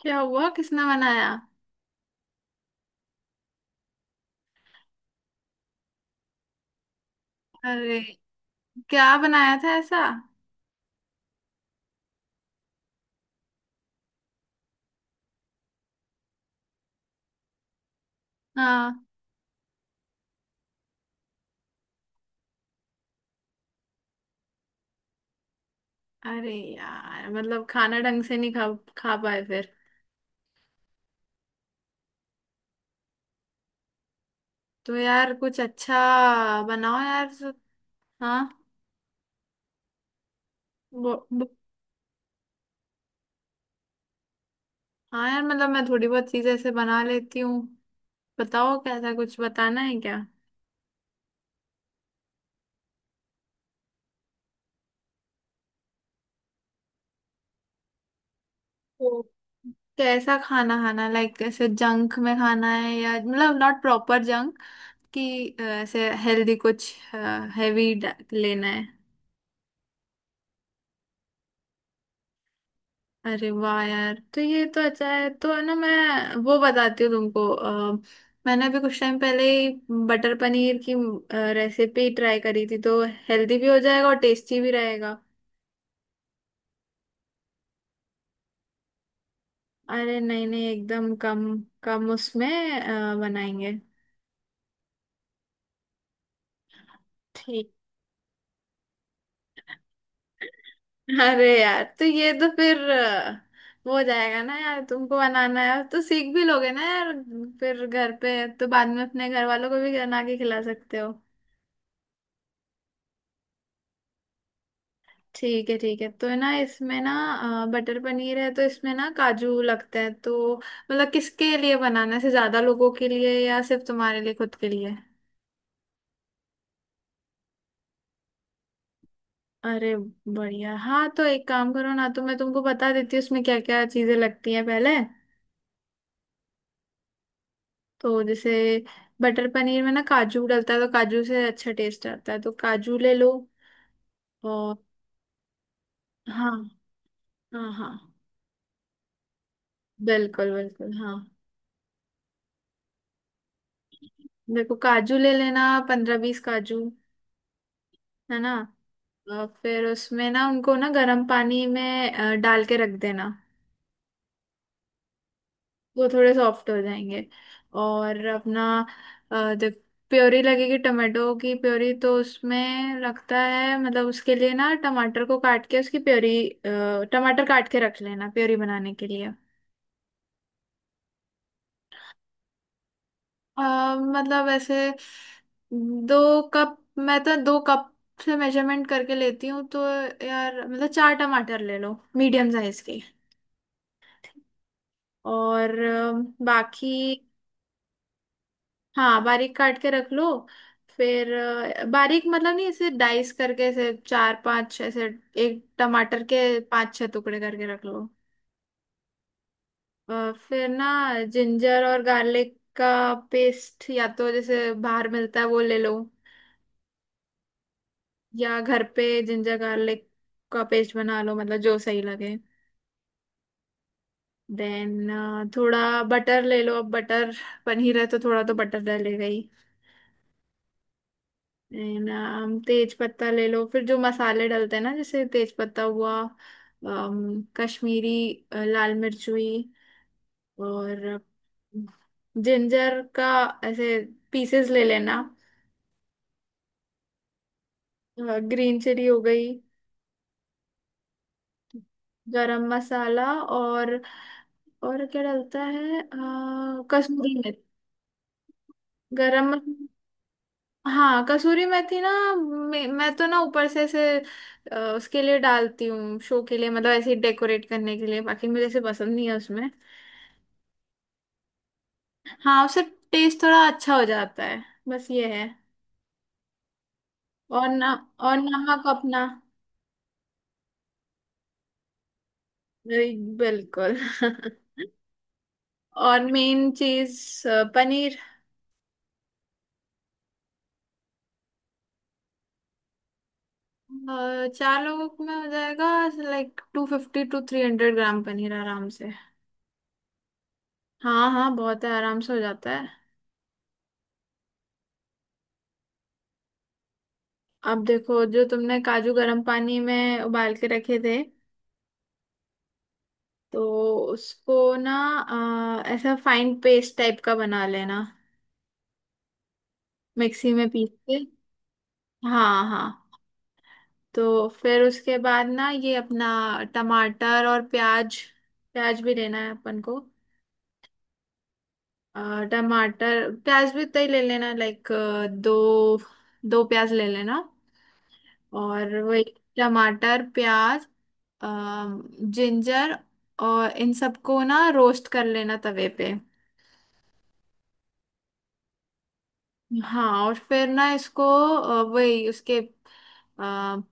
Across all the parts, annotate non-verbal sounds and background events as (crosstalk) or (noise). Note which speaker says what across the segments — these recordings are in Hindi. Speaker 1: क्या हुआ? किसने बनाया? अरे, क्या बनाया था ऐसा? हाँ। अरे यार, मतलब खाना ढंग से नहीं खा खा पाए फिर? तो यार, कुछ अच्छा बनाओ यार। हाँ। वो, वो, हाँ यार, मतलब मैं थोड़ी बहुत चीजें ऐसे बना लेती हूँ। बताओ, कैसा कुछ बताना है क्या? तो कैसा खाना? खाना लाइक ऐसे जंक में खाना है, या मतलब नॉट प्रॉपर जंक कि ऐसे हेल्दी कुछ हैवी लेना है? अरे वाह यार, तो ये तो अच्छा है। तो है ना, मैं वो बताती हूँ तुमको। मैंने अभी कुछ टाइम पहले ही बटर पनीर की रेसिपी ट्राई करी थी, तो हेल्दी भी हो जाएगा और टेस्टी भी रहेगा। अरे नहीं नहीं, एकदम कम कम उसमें बनाएंगे। ठीक। अरे यार, तो ये तो फिर वो हो जाएगा ना यार। तुमको बनाना है तो सीख भी लोगे ना यार। फिर घर पे तो बाद में अपने घर वालों को भी बना के खिला सकते हो। ठीक है ठीक है। तो है ना, इसमें ना बटर पनीर है तो इसमें ना काजू लगता है। तो मतलब किसके लिए बनाना है, से ज्यादा लोगों के लिए या सिर्फ तुम्हारे लिए, खुद के लिए? अरे बढ़िया। हाँ तो एक काम करो ना, तो मैं तुमको बता देती हूँ उसमें क्या क्या चीजें लगती हैं पहले। तो जैसे बटर पनीर में ना काजू डलता है, तो काजू से अच्छा टेस्ट आता है, तो काजू ले लो। और हाँ हाँ हाँ। बिल्कुल बिल्कुल हाँ। देखो, काजू ले लेना, 15-20 काजू, है ना? फिर उसमें ना उनको ना गर्म पानी में डाल के रख देना। वो थोड़े सॉफ्ट हो जाएंगे। और अपना जब प्योरी लगेगी टमाटो की प्योरी, तो उसमें लगता है। मतलब उसके लिए ना टमाटर को काट के उसकी प्योरी, टमाटर काट के रख लेना प्योरी बनाने के लिए। मतलब ऐसे 2 कप, मैं तो 2 कप से मेजरमेंट करके लेती हूँ। तो यार मतलब 4 टमाटर ले लो, मीडियम साइज के। और बाकी। हाँ बारीक काट के रख लो। फिर बारीक मतलब नहीं, ऐसे डाइस करके ऐसे 4-5 ऐसे, एक टमाटर के 5-6 टुकड़े करके रख लो। फिर ना जिंजर और गार्लिक का पेस्ट, या तो जैसे बाहर मिलता है वो ले लो, या घर पे जिंजर गार्लिक का पेस्ट बना लो, मतलब जो सही लगे। देन थोड़ा बटर ले लो। अब बटर पनीर है तो थोड़ा तो बटर डलेगा ही। नहीं ना, हम तेज पत्ता ले लो। फिर जो मसाले डलते हैं ना, जैसे तेज पत्ता हुआ, कश्मीरी लाल मिर्च हुई, और जिंजर का ऐसे पीसेस ले लेना। ग्रीन चिली हो गई। गरम मसाला, और क्या डलता है, कसूरी मेथी। गरम मसाला। हाँ कसूरी मेथी ना, मैं तो ना ऊपर से ऐसे उसके लिए डालती हूँ, शो के लिए, मतलब ऐसे डेकोरेट करने के लिए। बाकी मुझे ऐसे पसंद नहीं है उसमें। हाँ उससे टेस्ट थोड़ा अच्छा हो जाता है। बस ये है। और ना। और नमक अपना। बिल्कुल। (laughs) और मेन चीज, पनीर। 4 लोगों में हो जाएगा, लाइक 250-300 ग्राम पनीर आराम से। हाँ हाँ बहुत है, आराम से हो जाता है। अब देखो, जो तुमने काजू गर्म पानी में उबाल के रखे थे, तो उसको ना ऐसा फाइन पेस्ट टाइप का बना लेना, मिक्सी में पीस के। हाँ हाँ। तो फिर उसके बाद ना ये अपना टमाटर और प्याज, प्याज भी लेना है अपन को। टमाटर प्याज भी उतना ही ले लेना, लाइक दो दो प्याज ले लेना। और वही टमाटर, प्याज, जिंजर, और इन सबको ना रोस्ट कर लेना तवे पे। हाँ और फिर ना इसको वही उसके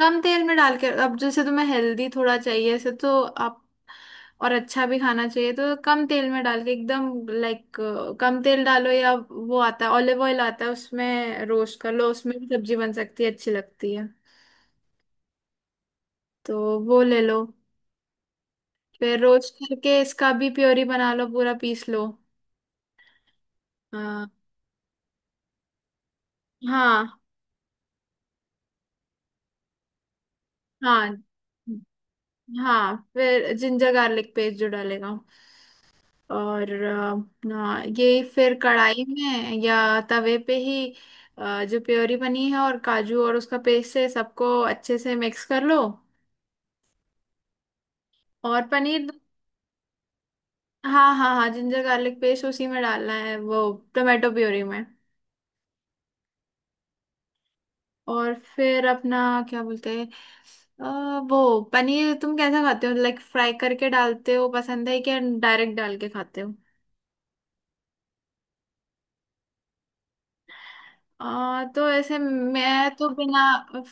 Speaker 1: कम तेल में डाल के। अब जैसे तुम्हें हेल्दी थोड़ा चाहिए ऐसे, तो आप और अच्छा भी खाना चाहिए, तो कम तेल में डाल के एकदम, लाइक कम तेल डालो। या वो आता है ऑलिव ऑयल आता है, उसमें रोस्ट कर लो, उसमें भी सब्जी बन सकती है, अच्छी लगती है। तो वो ले लो। फिर रोस्ट करके इसका भी प्योरी बना लो, पूरा पीस लो। हाँ हाँ हाँ। हाँ फिर जिंजर गार्लिक पेस्ट जो डालेगा, और हाँ यही फिर कढ़ाई में या तवे पे ही जो प्योरी बनी है और काजू और उसका पेस्ट है, सबको अच्छे से मिक्स कर लो। और पनीर। हाँ हाँ हाँ, जिंजर गार्लिक पेस्ट उसी में डालना है, वो टोमेटो प्योरी में। और फिर अपना, क्या बोलते हैं, वो पनीर तुम कैसा खाते हो? लाइक फ्राई करके डालते हो, पसंद है, क्या डायरेक्ट डाल के खाते हो? तो ऐसे मैं तो बिना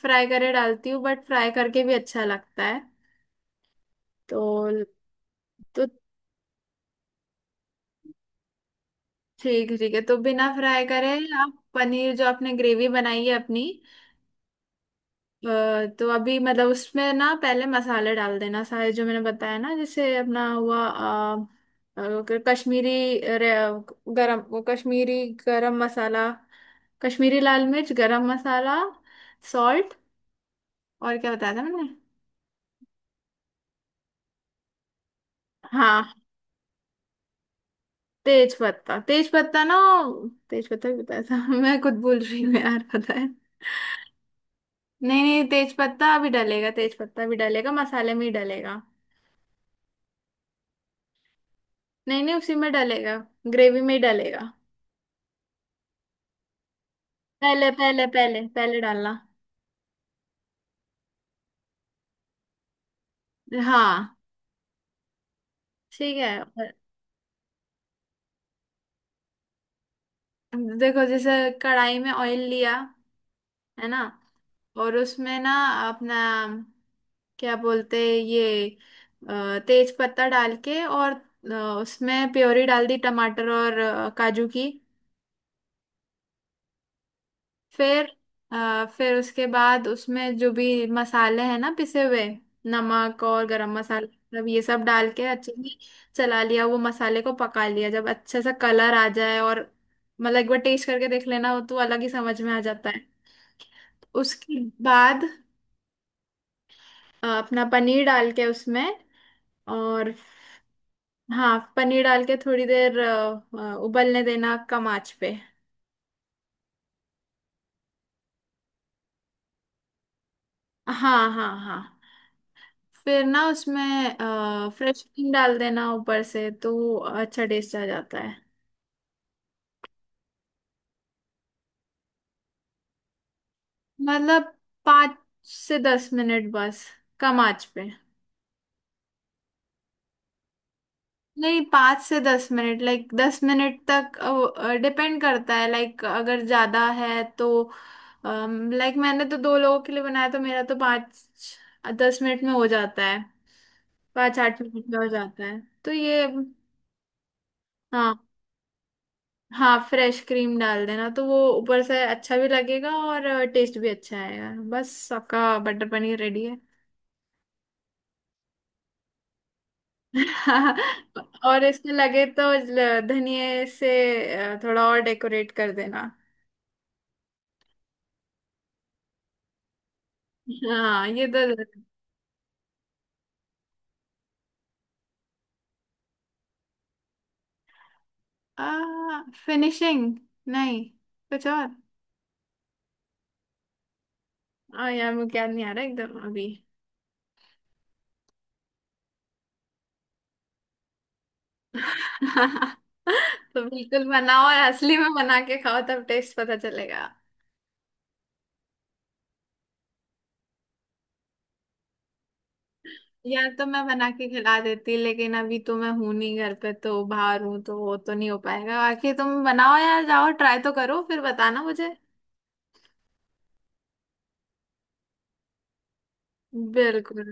Speaker 1: फ्राई करे डालती हूँ, बट फ्राई करके भी अच्छा लगता है। तो तो ठीक है ठीक है, तो बिना फ्राई करे। आप पनीर जो आपने ग्रेवी बनाई है अपनी, तो अभी मतलब उसमें ना पहले मसाले डाल देना सारे जो मैंने बताया ना, जैसे अपना हुआ कश्मीरी, रे- गरम वो कश्मीरी गरम मसाला, कश्मीरी लाल मिर्च, गरम मसाला, सॉल्ट, और क्या बताया था मैंने? हाँ तेज पत्ता, तेज पत्ता ना, तेज पत्ता भी बताया था। (laughs) मैं खुद भूल रही हूँ यार, पता है। नहीं नहीं, तेज पत्ता भी डलेगा, तेज पत्ता भी डलेगा, मसाले में ही डलेगा। नहीं नहीं, उसी में डलेगा, ग्रेवी में ही डलेगा। पहले पहले पहले पहले डालना। हाँ ठीक है, और देखो, जैसे कढ़ाई में ऑयल लिया, है ना? और उसमें ना अपना, क्या बोलते हैं, ये तेज पत्ता डाल के, और अ, उसमें प्योरी डाल दी टमाटर और काजू की। फिर फिर उसके बाद उसमें जो भी मसाले हैं ना, पिसे हुए, नमक और गरम मसाला, मतलब ये सब डाल के अच्छे से चला लिया, वो मसाले को पका लिया जब अच्छे से कलर आ जाए। और मतलब एक बार टेस्ट करके देख लेना, वो तो अलग ही समझ में आ जाता है। उसके बाद अपना पनीर डाल के उसमें, और हाँ, पनीर डाल के थोड़ी देर उबलने देना कम आंच पे। हाँ हाँ हाँ। फिर ना उसमें फ्रेश क्रीम डाल देना ऊपर से, तो वो अच्छा टेस्ट आ जाता है। मतलब 5 से 10 मिनट बस, कम आंच पे। नहीं, 5 से 10 मिनट, लाइक 10 मिनट तक, डिपेंड करता है लाइक, अगर ज़्यादा है तो। लाइक मैंने तो 2 लोगों के लिए बनाया, तो मेरा तो 5-10 मिनट में हो जाता है, 5-8 मिनट में हो जाता है, तो ये। हाँ हाँ फ्रेश क्रीम डाल देना, तो वो ऊपर से अच्छा भी लगेगा और टेस्ट भी अच्छा आएगा। बस आपका बटर पनीर रेडी है। (laughs) और इसमें लगे तो धनिए से थोड़ा और डेकोरेट कर देना। हाँ ये तो। फिनिशिंग? नहीं, कुछ और। यार मुझे याद नहीं आ रहा एकदम अभी। (laughs) तो बिल्कुल बनाओ, और असली में बना के खाओ, तब टेस्ट पता चलेगा। यार, तो मैं बना के खिला देती लेकिन अभी तो मैं हूं नहीं घर पे, तो बाहर हूँ, तो वो तो नहीं हो पाएगा। बाकी तुम बनाओ यार, जाओ ट्राई तो करो, फिर बताना मुझे। बिल्कुल।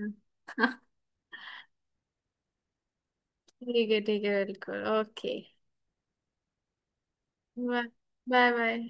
Speaker 1: ठीक है ठीक है, बिल्कुल, ओके। Bye, bye, bye.